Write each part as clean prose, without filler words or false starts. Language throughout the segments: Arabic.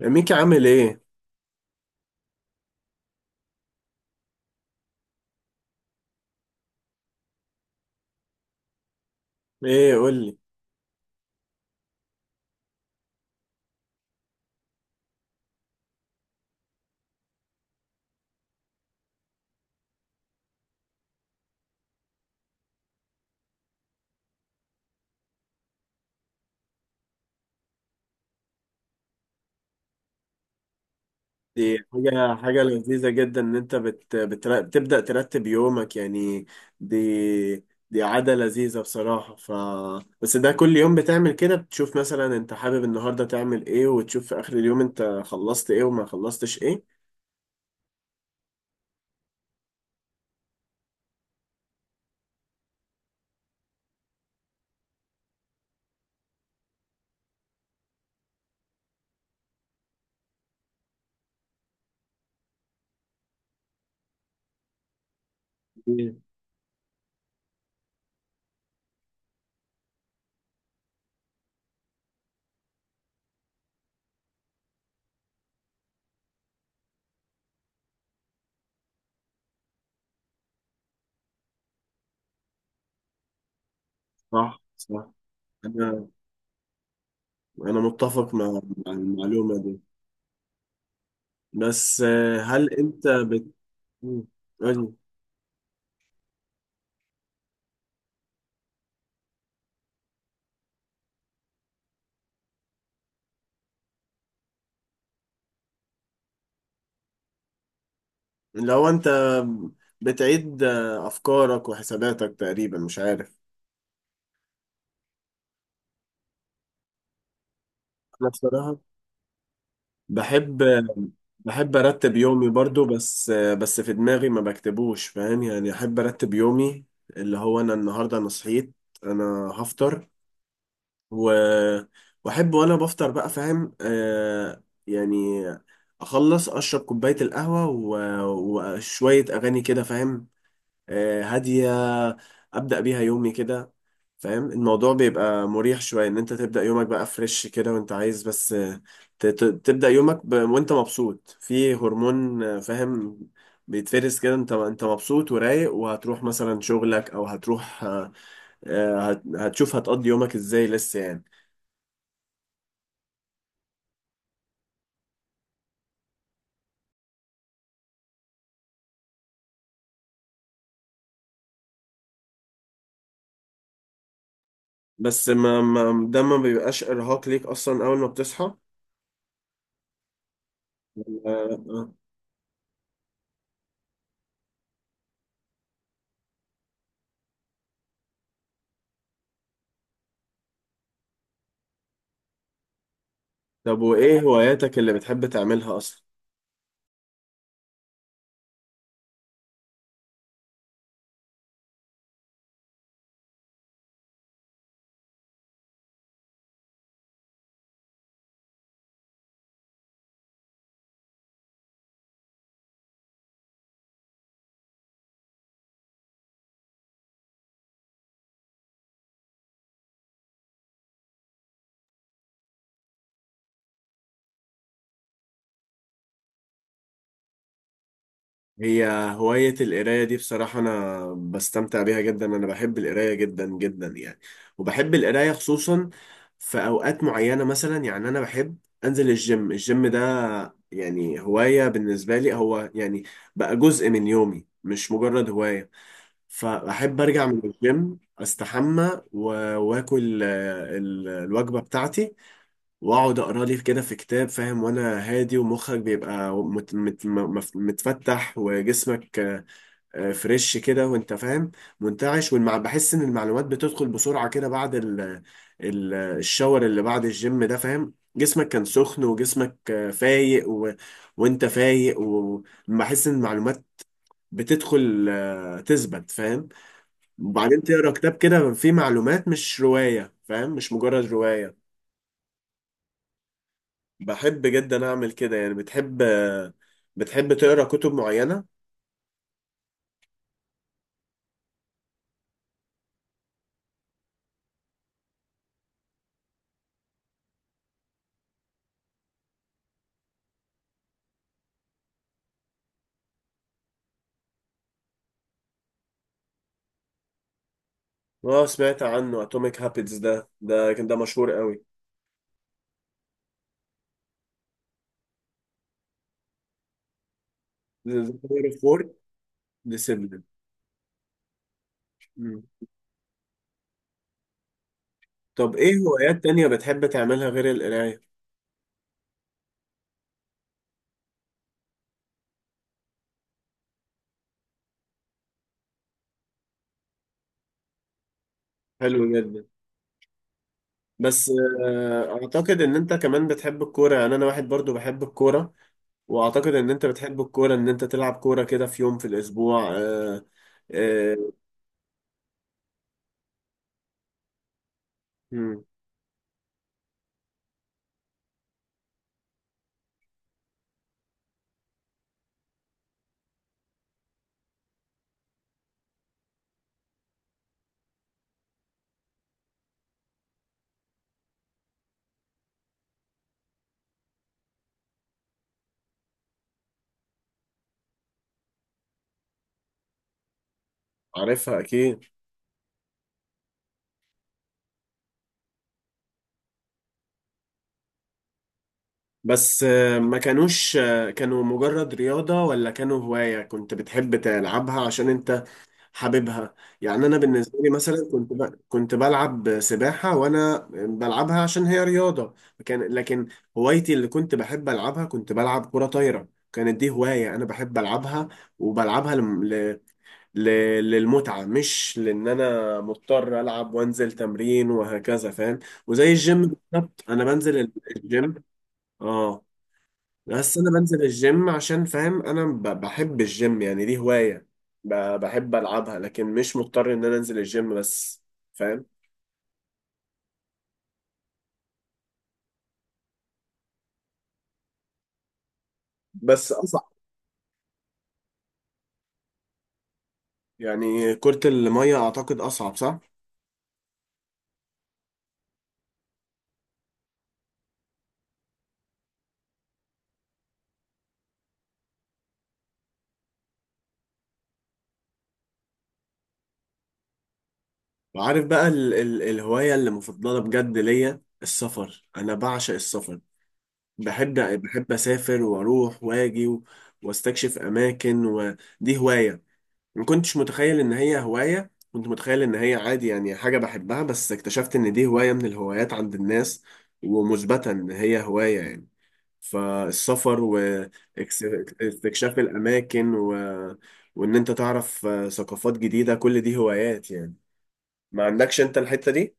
ميكي عامل ايه؟ ايه قول لي. دي حاجة لذيذة جدا ان انت بتبدأ ترتب يومك يعني. دي دي عادة لذيذة بصراحة. ف بس ده كل يوم بتعمل كده، بتشوف مثلا انت حابب النهاردة تعمل ايه وتشوف في اخر اليوم انت خلصت ايه وما خلصتش ايه؟ إيه. صح صح. انا انا متفق مع المعلومة دي. بس هل انت بت...؟ قول لي. لو انت بتعيد افكارك وحساباتك تقريبا، مش عارف. انا بصراحة بحب، بحب ارتب يومي برضو، بس في دماغي ما بكتبوش، فاهم يعني؟ احب ارتب يومي، اللي هو انا النهارده انا صحيت، انا هفطر و واحب وانا بفطر بقى، فاهم؟ آه يعني اخلص اشرب كوبايه القهوه و... وشويه اغاني كده، فاهم؟ آه هاديه، ابدا بيها يومي كده. فاهم؟ الموضوع بيبقى مريح شوية ان انت تبدأ يومك بقى فريش كده، وانت عايز بس تبدأ يومك ب... وانت مبسوط، في هرمون فاهم بيتفرز كده. انت انت مبسوط ورايق، وهتروح مثلا شغلك او هتروح، هتشوف هتقضي يومك ازاي لسه يعني. بس ما... ما... ده ما بيبقاش ارهاق ليك اصلا اول ما بتصحى آه. طب وايه هواياتك اللي بتحب تعملها اصلا؟ هي هواية القراية دي بصراحة أنا بستمتع بيها جدا، أنا بحب القراية جدا جدا يعني. وبحب القراية خصوصا في أوقات معينة، مثلا يعني أنا بحب أنزل الجيم. الجيم ده يعني هواية بالنسبة لي، هو يعني بقى جزء من يومي مش مجرد هواية. فأحب أرجع من الجيم أستحمى وآكل الوجبة بتاعتي، واقعد اقرا لي كده في كتاب، فاهم؟ وانا هادي ومخك بيبقى متفتح وجسمك فريش كده، وانت فاهم؟ منتعش، والمع، بحس ان المعلومات بتدخل بسرعة كده بعد ال الشاور اللي بعد الجيم ده. فاهم؟ جسمك كان سخن، وجسمك فايق و... وانت فايق، وبحس ان المعلومات بتدخل تثبت، فاهم؟ وبعدين تقرا كتاب كده فيه معلومات، مش رواية، فاهم؟ مش مجرد رواية. بحب جدا اعمل كده يعني. بتحب، بتحب تقرا كتب معينه؟ اه سمعت عنه، اتوميك هابتس ده، ده كان مشهور قوي. فور ديسيبلين. طب ايه هوايات تانية بتحب تعملها غير القرايه؟ حلو جدا. بس اعتقد ان انت كمان بتحب الكوره، يعني انا واحد برضو بحب الكوره. واعتقد ان انت بتحب الكوره، ان انت تلعب كوره كده في يوم في الاسبوع، آه. مم، عارفها اكيد. بس ما كانوش كانوا مجرد رياضة، ولا كانوا هواية كنت بتحب تلعبها عشان انت حاببها؟ يعني انا بالنسبة لي مثلا كنت ب...، كنت بلعب سباحة وانا بلعبها عشان هي رياضة. كان... لكن هوايتي اللي كنت بحب العبها، كنت بلعب كرة طايرة، كانت دي هواية انا بحب العبها وبلعبها ل... للمتعة، مش لان انا مضطر العب وانزل تمرين وهكذا، فاهم؟ وزي الجيم بالظبط، انا بنزل الجيم، اه. بس انا بنزل الجيم عشان فاهم، انا بحب الجيم يعني، دي هواية بحب العبها، لكن مش مضطر ان انا انزل الجيم بس، فاهم؟ بس اصعب يعني، كرة المية اعتقد اصعب، صح؟ وعارف بقى ال الهواية اللي مفضلة بجد ليا؟ السفر. انا بعشق السفر، بحب، بحب اسافر واروح واجي و واستكشف اماكن، ودي هواية ما كنتش متخيل ان هي هواية، كنت متخيل ان هي عادي يعني حاجة بحبها، بس اكتشفت ان دي هواية من الهوايات عند الناس، ومثبتة ان هي هواية يعني. فالسفر واستكشاف الاماكن و... وان انت تعرف ثقافات جديدة، كل دي هوايات يعني. ما عندكش انت الحتة دي؟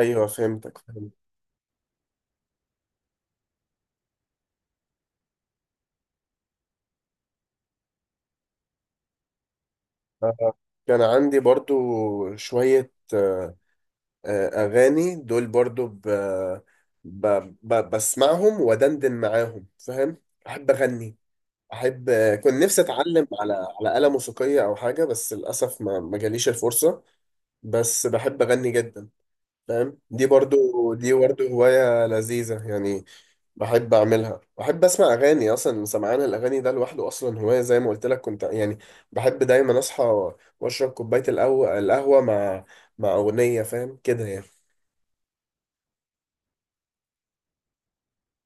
ايوه فهمتك، فهمت. آه، كان عندي برضو شوية اغاني دول برضو ب... بسمعهم ودندن معاهم، فاهم؟ احب اغني، احب كنت نفسي اتعلم على على آلة موسيقية او حاجة، بس للاسف ما جاليش الفرصة. بس بحب اغني جدا، فاهم؟ دي برضو دي برضو هواية لذيذة يعني، بحب اعملها. بحب اسمع اغاني، اصلا سمعان الاغاني ده لوحده اصلا هوايه. زي ما قلت لك كنت يعني بحب دايما اصحى واشرب كوبايه القهوه مع اغنيه، فاهم كده يعني؟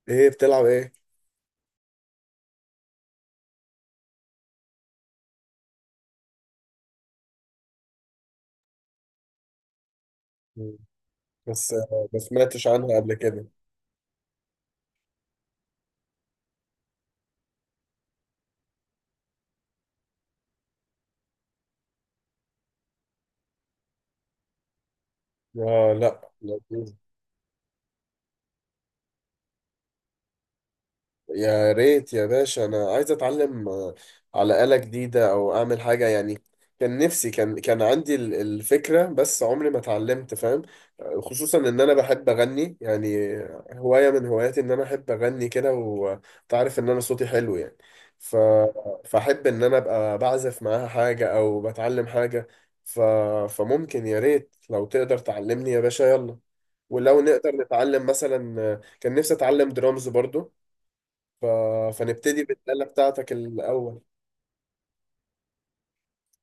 ايه بتلعب ايه؟ مم. بس ما سمعتش عنها قبل كده. اه، لا لا. يا ريت يا باشا، انا عايز اتعلم على آلة جديدة او اعمل حاجة يعني. كان نفسي، كان عندي الفكرة، بس عمري ما اتعلمت، فاهم؟ خصوصا ان انا بحب اغني يعني، هواية من هواياتي ان انا احب اغني كده، وتعرف ان انا صوتي حلو يعني. ف... فاحب ان انا ابقى بعزف معاها حاجة او بتعلم حاجة. ف... فممكن يا ريت لو تقدر تعلمني يا باشا، يلا. ولو نقدر نتعلم مثلا، كان نفسي اتعلم درامز برضو. ف... فنبتدي بالآلة بتاعتك الأول.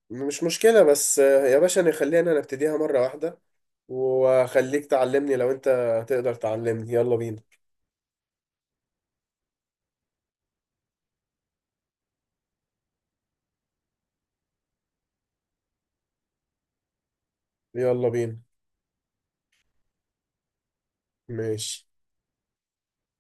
مش مشكلة، بس يا باشا نخلينا نبتديها مرة واحدة، وخليك تعلمني لو أنت تقدر تعلمني. يلا بينا، يلا بينا. ماشي.